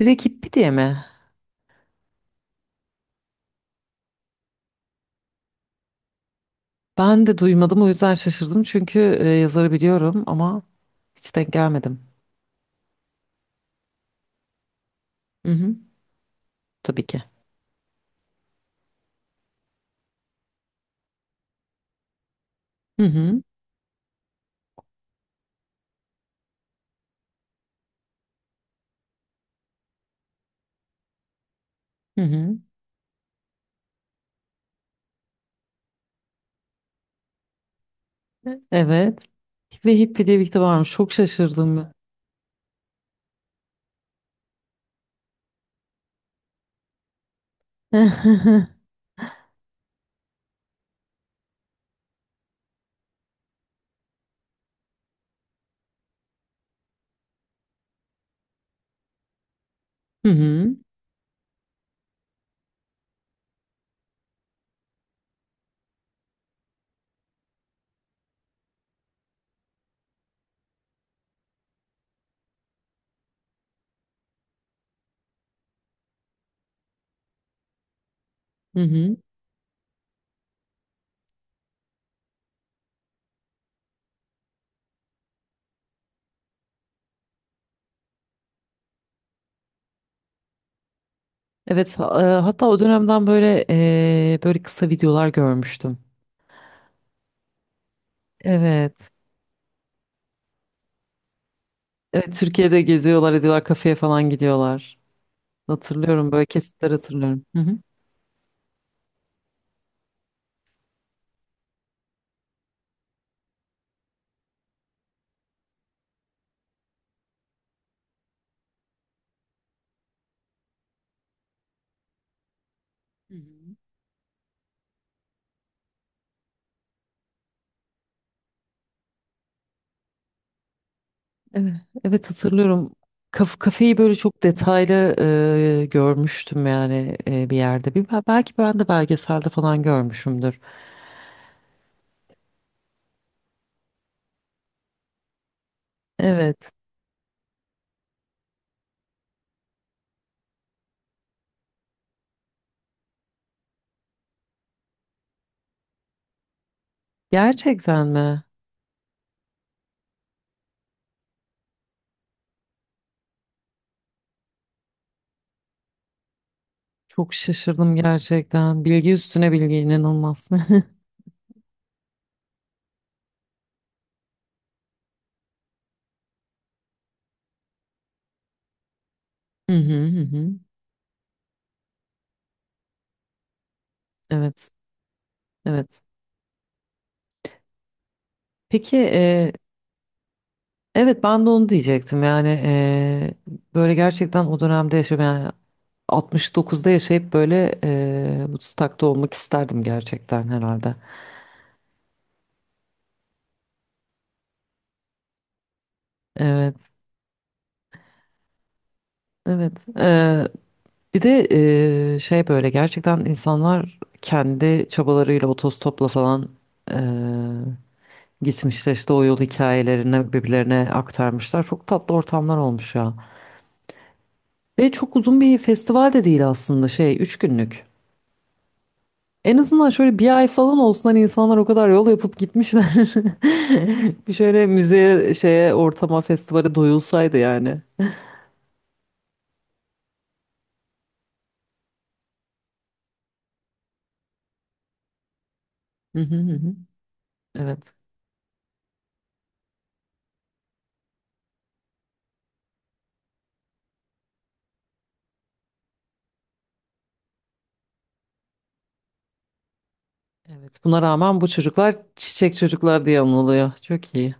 Direkt Hippi diye mi? Ben de duymadım o yüzden şaşırdım çünkü yazarı biliyorum ama hiç denk gelmedim. Hı hı, tabii ki. Hı hı, hı hı. Evet. Ve Hippi diye bir kitap varmış. Çok şaşırdım. Ben. Hı hı, hı hı. Evet, hatta o dönemden böyle böyle kısa videolar görmüştüm. Evet. Evet, Türkiye'de geziyorlar, ediyorlar, kafeye falan gidiyorlar. Hatırlıyorum böyle kesitler hatırlıyorum. Hı hı. Hı hı. Evet, evet hatırlıyorum. Kafeyi böyle çok detaylı görmüştüm yani bir yerde. Bir, belki ben de belgeselde falan görmüşümdür. Evet. Gerçekten mi? Çok şaşırdım gerçekten. Bilgi üstüne bilgi inanılmaz. Hı hı hı, hı. Evet, evet. Peki, evet ben de onu diyecektim. Yani böyle gerçekten o dönemde yaşayan yani 69'da yaşayıp böyle Woodstock'ta olmak isterdim gerçekten herhalde. Evet. Evet. Bir de şey böyle gerçekten insanlar kendi çabalarıyla otostopla falan eee, gitmişler işte o yol hikayelerini birbirlerine aktarmışlar. Çok tatlı ortamlar olmuş ya. Ve çok uzun bir festival de değil aslında şey 3 günlük. En azından şöyle bir ay falan olsun hani insanlar o kadar yol yapıp gitmişler. Bir şöyle müzeye şeye ortama festivale doyulsaydı yani. Hı hı hı, hı. Evet. Evet, buna rağmen bu çocuklar çiçek çocuklar diye anılıyor. Çok iyi.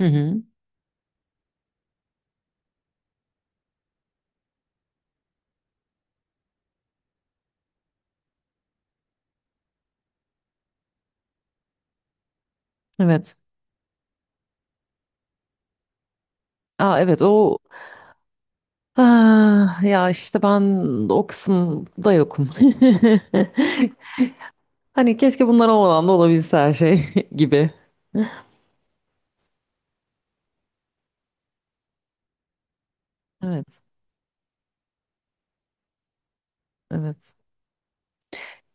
Hı hı. Evet. Aa, evet o, ah, ya işte ben o kısımda yokum. Hani keşke bunlar olmadan da olabilse her şey gibi. Evet. Evet.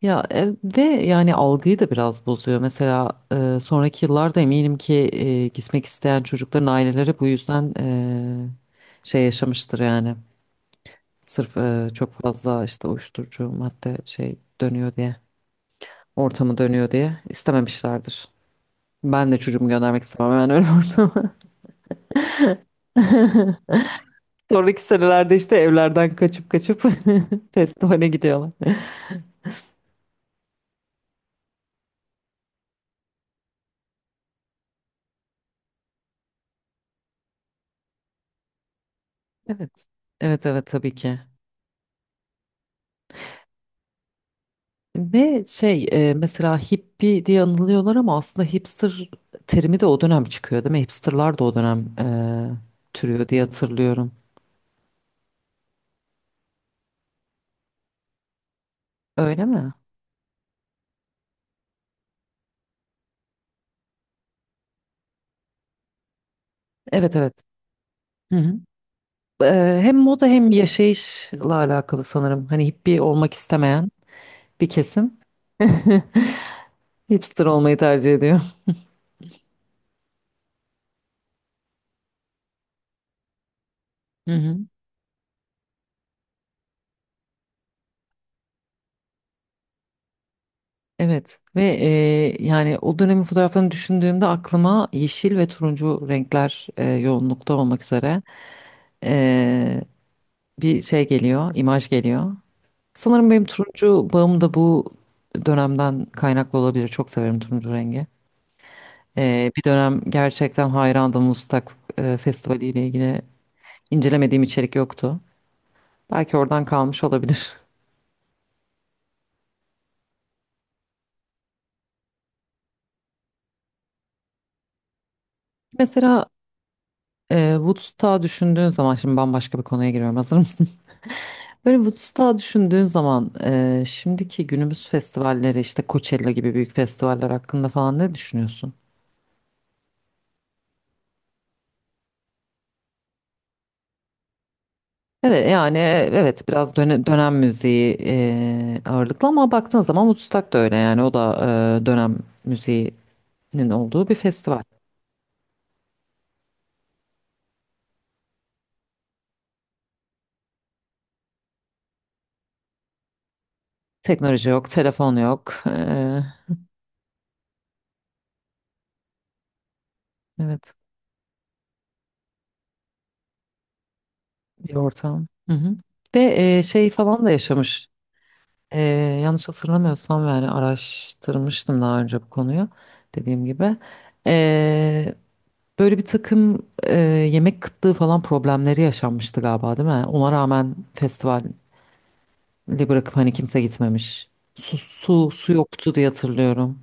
Ya ve yani algıyı da biraz bozuyor. Mesela sonraki yıllarda eminim ki gitmek isteyen çocukların aileleri bu yüzden şey yaşamıştır yani. Sırf çok fazla işte uyuşturucu madde şey dönüyor diye, ortamı dönüyor diye istememişlerdir. Ben de çocuğumu göndermek istemem hemen öyle ortama. Sonraki senelerde işte evlerden kaçıp kaçıp festivale gidiyorlar. Evet. Evet evet tabii ki. Ve şey mesela hippie diye anılıyorlar ama aslında hipster terimi de o dönem çıkıyor değil mi? Hipsterlar da o dönem türüyor diye hatırlıyorum. Öyle mi? Evet evet. Hı hı. Eee, Hem moda hem yaşayışla alakalı sanırım. Hani hippie olmak istemeyen bir kesim hipster olmayı tercih ediyor. Hı hı. Evet ve yani o dönemin fotoğraflarını düşündüğümde aklıma yeşil ve turuncu renkler yoğunlukta olmak üzere eee, bir şey geliyor, imaj geliyor. Sanırım benim turuncu bağım da bu dönemden kaynaklı olabilir. Çok severim turuncu rengi. Bir dönem gerçekten hayrandım Mustak Festivali ile ilgili incelemediğim içerik yoktu. Belki oradan kalmış olabilir. Mesela Woodstock'a düşündüğün zaman şimdi bambaşka bir konuya giriyorum. Hazır mısın? Böyle Woodstock'a düşündüğün zaman şimdiki günümüz festivalleri işte Coachella gibi büyük festivaller hakkında falan ne düşünüyorsun? Evet yani evet biraz dönem müziği ağırlıklı ama baktığın zaman Woodstock da öyle yani o da dönem müziğinin olduğu bir festival. Teknoloji yok, telefon yok. E, evet. Bir ortam. Hı hı. Ve şey falan da yaşamış. E, yanlış hatırlamıyorsam yani araştırmıştım daha önce bu konuyu dediğim gibi. E, böyle bir takım yemek kıtlığı falan problemleri yaşanmıştı galiba değil mi? Ona rağmen festivali bırakıp hani kimse gitmemiş. Su yoktu diye hatırlıyorum.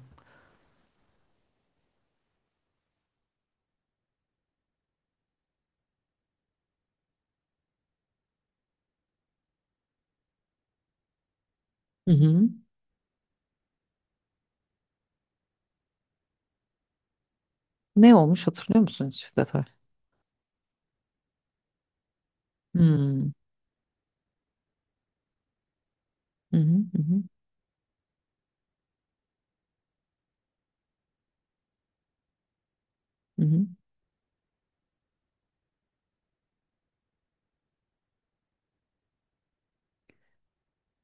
Hı hı. Ne olmuş hatırlıyor musun hiç detay? Hmm. Hı hı, hı hı, hı hı.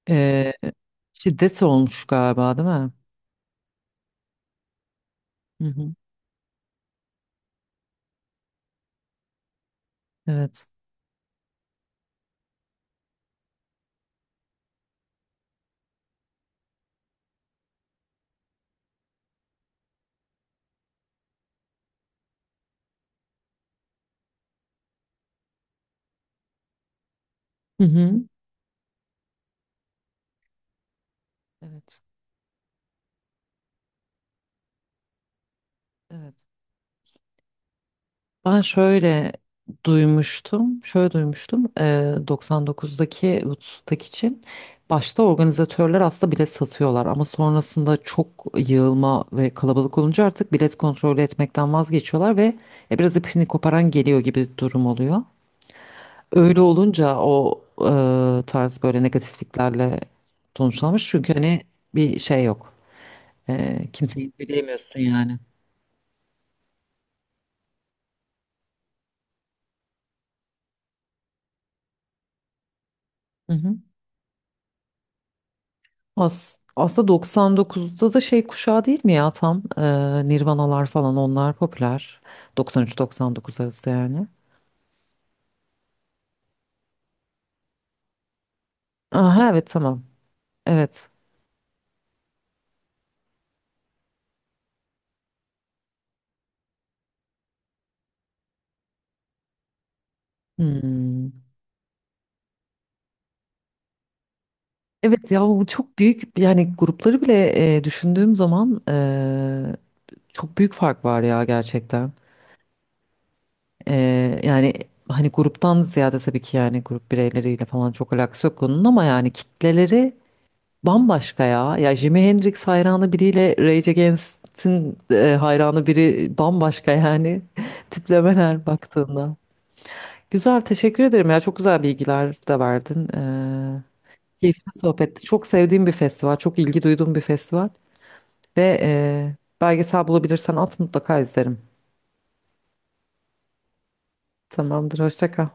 E, şiddet olmuş galiba değil mi? Hı hı. Evet. Hı hı. Evet, evet. Ben şöyle duymuştum, şöyle duymuştum. 99'daki Woodstock için başta organizatörler aslında bilet satıyorlar ama sonrasında çok yığılma ve kalabalık olunca artık bilet kontrolü etmekten vazgeçiyorlar ve biraz ipini koparan geliyor gibi bir durum oluyor. Öyle olunca o tarz böyle negatifliklerle sonuçlanmış çünkü hani bir şey yok. Kimseyi bilemiyorsun yani. Aslında 99'da da şey kuşağı değil mi ya tam Nirvanalar falan onlar popüler. 93-99 arası yani. Aha, evet, tamam. Evet. Hmm. Evet ya bu çok büyük yani grupları bile düşündüğüm zaman çok büyük fark var ya gerçekten. E, yani hani gruptan ziyade tabii ki yani grup bireyleriyle falan çok alakası yok onun ama yani kitleleri bambaşka ya. Ya Jimi Hendrix hayranı biriyle Rage Against'in hayranı biri bambaşka yani. Tiplemeler baktığında. Güzel, teşekkür ederim ya. Çok güzel bilgiler de verdin. Keyifli sohbetti. Çok sevdiğim bir festival, çok ilgi duyduğum bir festival. Ve belgesel bulabilirsen at mutlaka izlerim. Tamamdır, hoşça kal.